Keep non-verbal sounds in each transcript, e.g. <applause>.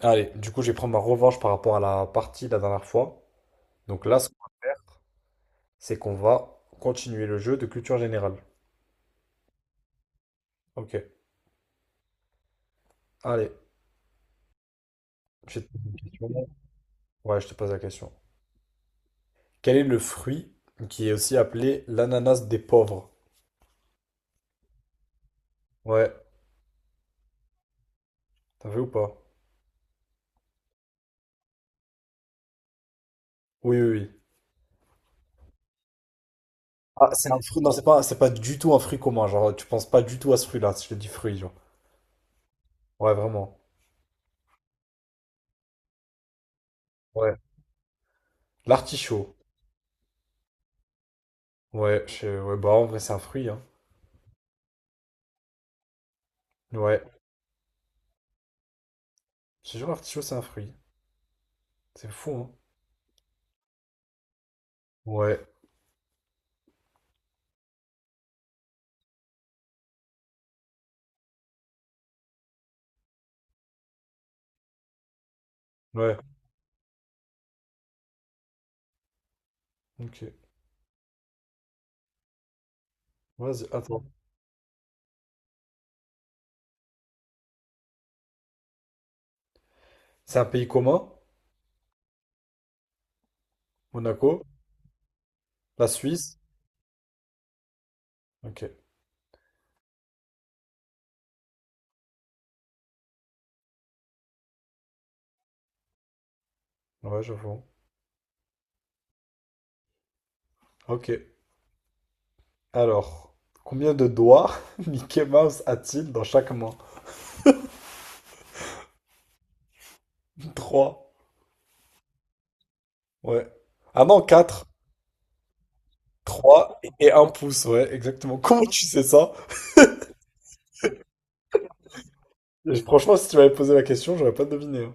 Allez, du coup, je vais prendre ma revanche par rapport à la partie de la dernière fois. Donc là, ce qu'on va faire, c'est qu'on va continuer le jeu de culture générale. Ok, allez, je te pose une question. Ouais, je te pose la question. Quel est le fruit qui est aussi appelé l'ananas des pauvres? Ouais, t'as vu ou pas? Oui, oui, oui. Ah, c'est un fruit, non, c'est pas du tout un fruit commun. Genre, tu penses pas du tout à ce fruit-là, si je te dis fruit, genre. Ouais, vraiment. Ouais. L'artichaut. Ouais, ouais, bah en vrai, c'est un fruit, hein. Ouais. Je te jure, l'artichaut, c'est un fruit. C'est fou, hein. Ouais. Ouais, ok. Vas-y, attends. C'est un pays commun? Monaco? La Suisse? Ok. Ouais, j'avoue. Ok. Alors, combien de doigts <laughs> Mickey Mouse a-t-il dans chaque main? Trois. Ouais. Ah non, quatre. Trois et un pouce, ouais, exactement. <laughs> Comment tu sais ça? Et franchement, si tu m'avais posé la question, j'aurais pas deviné, hein.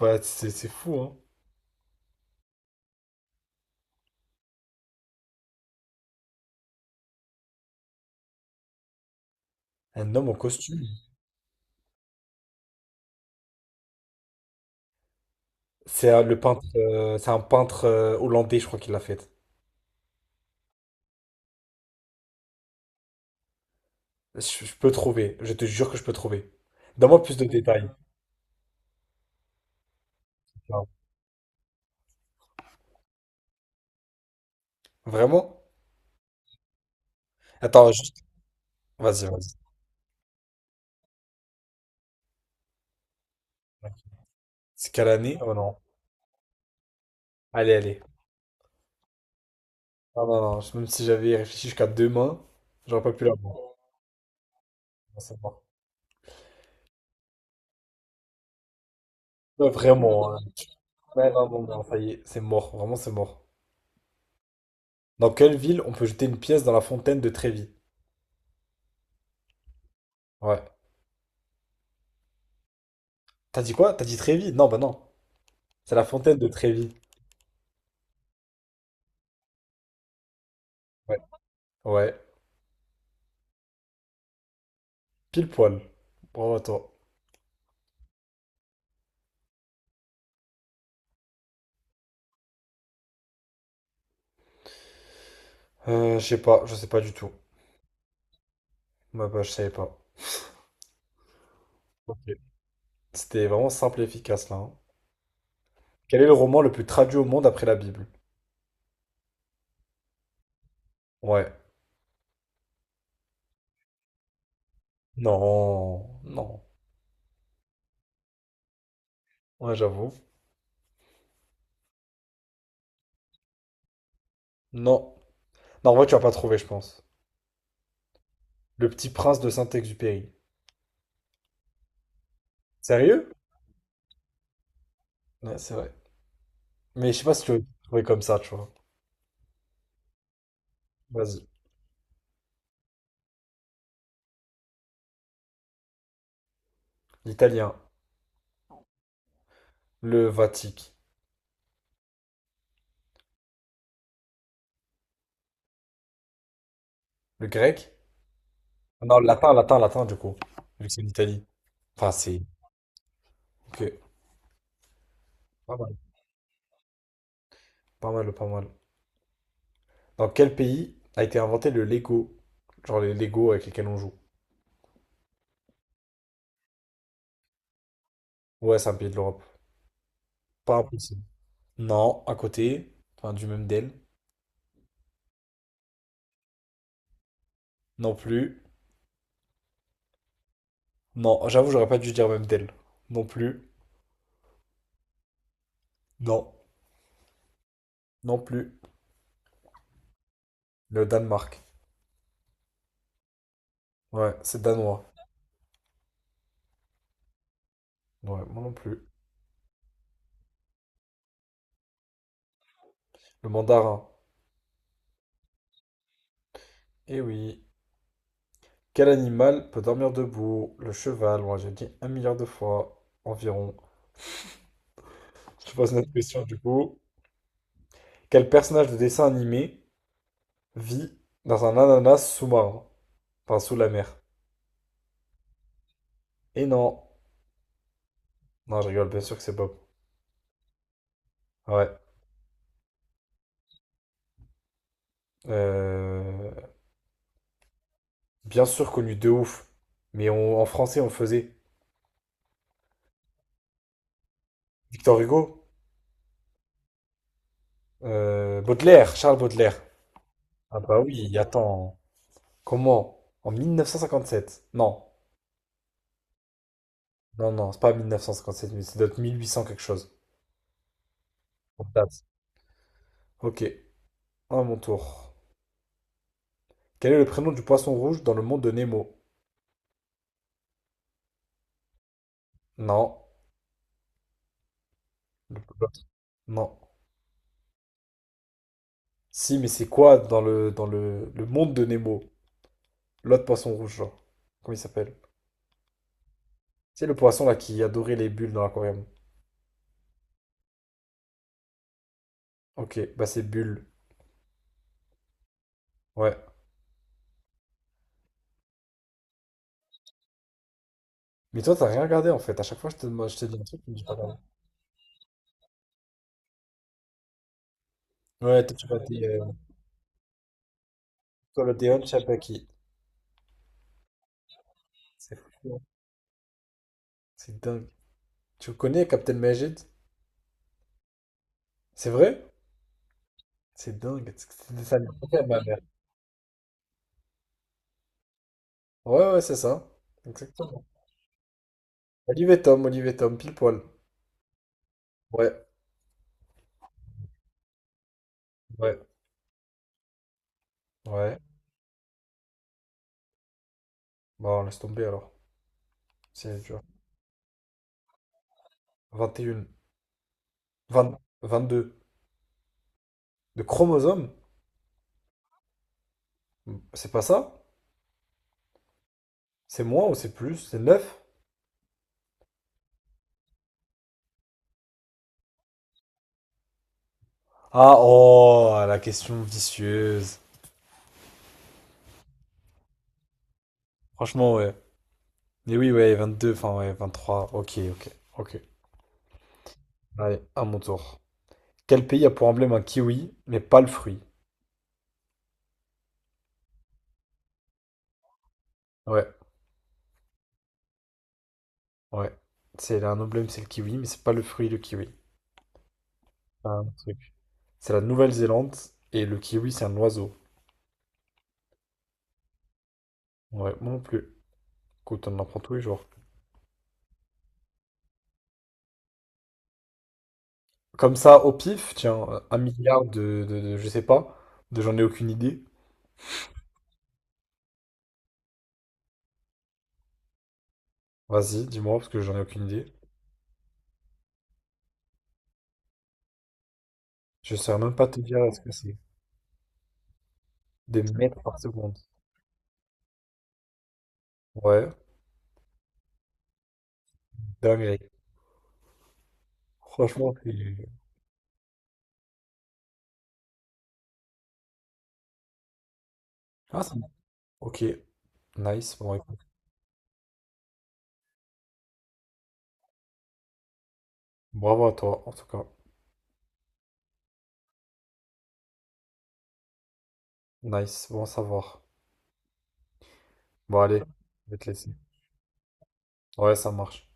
Ouais, c'est fou, hein. Un homme en costume. C'est le peintre, c'est un peintre hollandais, je crois qu'il l'a fait. Je peux trouver. Je te jure que je peux trouver. Donne-moi plus de détails. Non. Vraiment? Attends, juste. Vas-y, vas-y. C'est quelle année? Oh non. Allez, allez. Non, non, non. Même si j'avais réfléchi jusqu'à demain, j'aurais pas pu l'avoir. Non, c'est mort. Ouais, vraiment, hein. Ouais, non, non, non, ça y est. C'est mort. Vraiment, c'est mort. Dans quelle ville on peut jeter une pièce dans la fontaine de Trévis? Ouais. T'as dit quoi? T'as dit Trévis? Non, bah non. C'est la fontaine de Trévis. Ouais. Ouais. Pile poil. Bravo à toi. Je sais pas. Je sais pas du tout. Bah, bah, je savais pas. Ok. C'était vraiment simple et efficace là, hein. Quel est le roman le plus traduit au monde après la Bible? Ouais. Non, non. Ouais, j'avoue. Non. Non, en vrai, tu vas pas trouver, je pense. Le petit prince de Saint-Exupéry. Sérieux? Ouais, c'est vrai. Mais je sais pas si tu veux trouver comme ça, tu vois. Vas-y. L'italien. Le vatique. Le grec? Non, le latin, latin, latin, du coup. Vu que c'est l'Italie. Enfin, c'est. Ok. Pas mal. Pas mal, pas mal. Dans quel pays a été inventé le Lego? Genre les Lego avec lesquels on joue. Ouais, c'est un pays de l'Europe. Pas impossible. Non, à côté. Enfin, du même d'elle. Non plus. Non, j'avoue, j'aurais pas dû dire même d'elle. Non plus. Non. Non plus. Le Danemark. Ouais, c'est danois. Ouais, moi non plus. Le mandarin. Eh oui. Quel animal peut dormir debout? Le cheval, moi j'ai dit un milliard de fois environ. Je te pose une autre question du coup. Quel personnage de dessin animé vit dans un ananas sous-marin? Enfin, sous la mer. Et non. Non, je rigole, bien sûr que c'est Bob. Ouais. Euh, Bien sûr connu de ouf. Mais en français, on le faisait. Victor Hugo? Baudelaire, Charles Baudelaire. Ah bah oui, attends. Comment? En 1957. Non, non, non, c'est pas 1957, mais c'est d'autres 1800 quelque chose. Comme date. Ok, à mon tour. Quel est le prénom du poisson rouge dans le monde de Nemo? Non. L'autre. Non. Si, mais c'est quoi dans le monde de Nemo? L'autre poisson rouge, genre. Comment il s'appelle? C'est le poisson là qui adorait les bulles dans l'aquarium. Ok, bah c'est Bulle. Ouais. Mais toi, t'as rien regardé en fait. À chaque fois, je te dis un truc, tu me dis pas. Ouais, toi, tu vois des Colodeon Shabaki. C'est fou, hein. C'est dingue. Tu connais Captain Majid? C'est vrai? C'est dingue. C'est des dessins animés ma mère. Ouais, ouais, c'est ça. Exactement. Olive et Tom, pile poil. Ouais, ouais, ouais. Bon, laisse tomber alors. C'est dur. 21. 20, 22. De chromosomes? C'est pas ça? C'est moins ou c'est plus? C'est neuf. Ah, oh, la question vicieuse. Franchement, ouais. Mais oui, ouais, 22, enfin, ouais, 23. Ok, ok, ok. Allez, à mon tour. Quel pays a pour emblème un kiwi, mais pas le fruit? Ouais, ouais. C'est un emblème, c'est le kiwi, mais c'est pas le fruit, le kiwi. C'est un autre truc. C'est la Nouvelle-Zélande, et le kiwi, c'est un oiseau. Ouais, moi non plus. Écoute, on en apprend tous les jours. Comme ça, au pif, tiens, un milliard de, je sais pas, de j'en ai aucune idée. Vas-y, dis-moi, parce que j'en ai aucune idée. Je saurais même pas te dire ce que c'est. Des mètres par seconde. Ouais, dinguerie. Franchement, c'est... Ah, c'est... bon. Ok, nice. Bon, écoute, bravo à toi, en tout cas. Nice, bon à savoir. Bon, allez, je vais te laisser. Ouais, ça marche.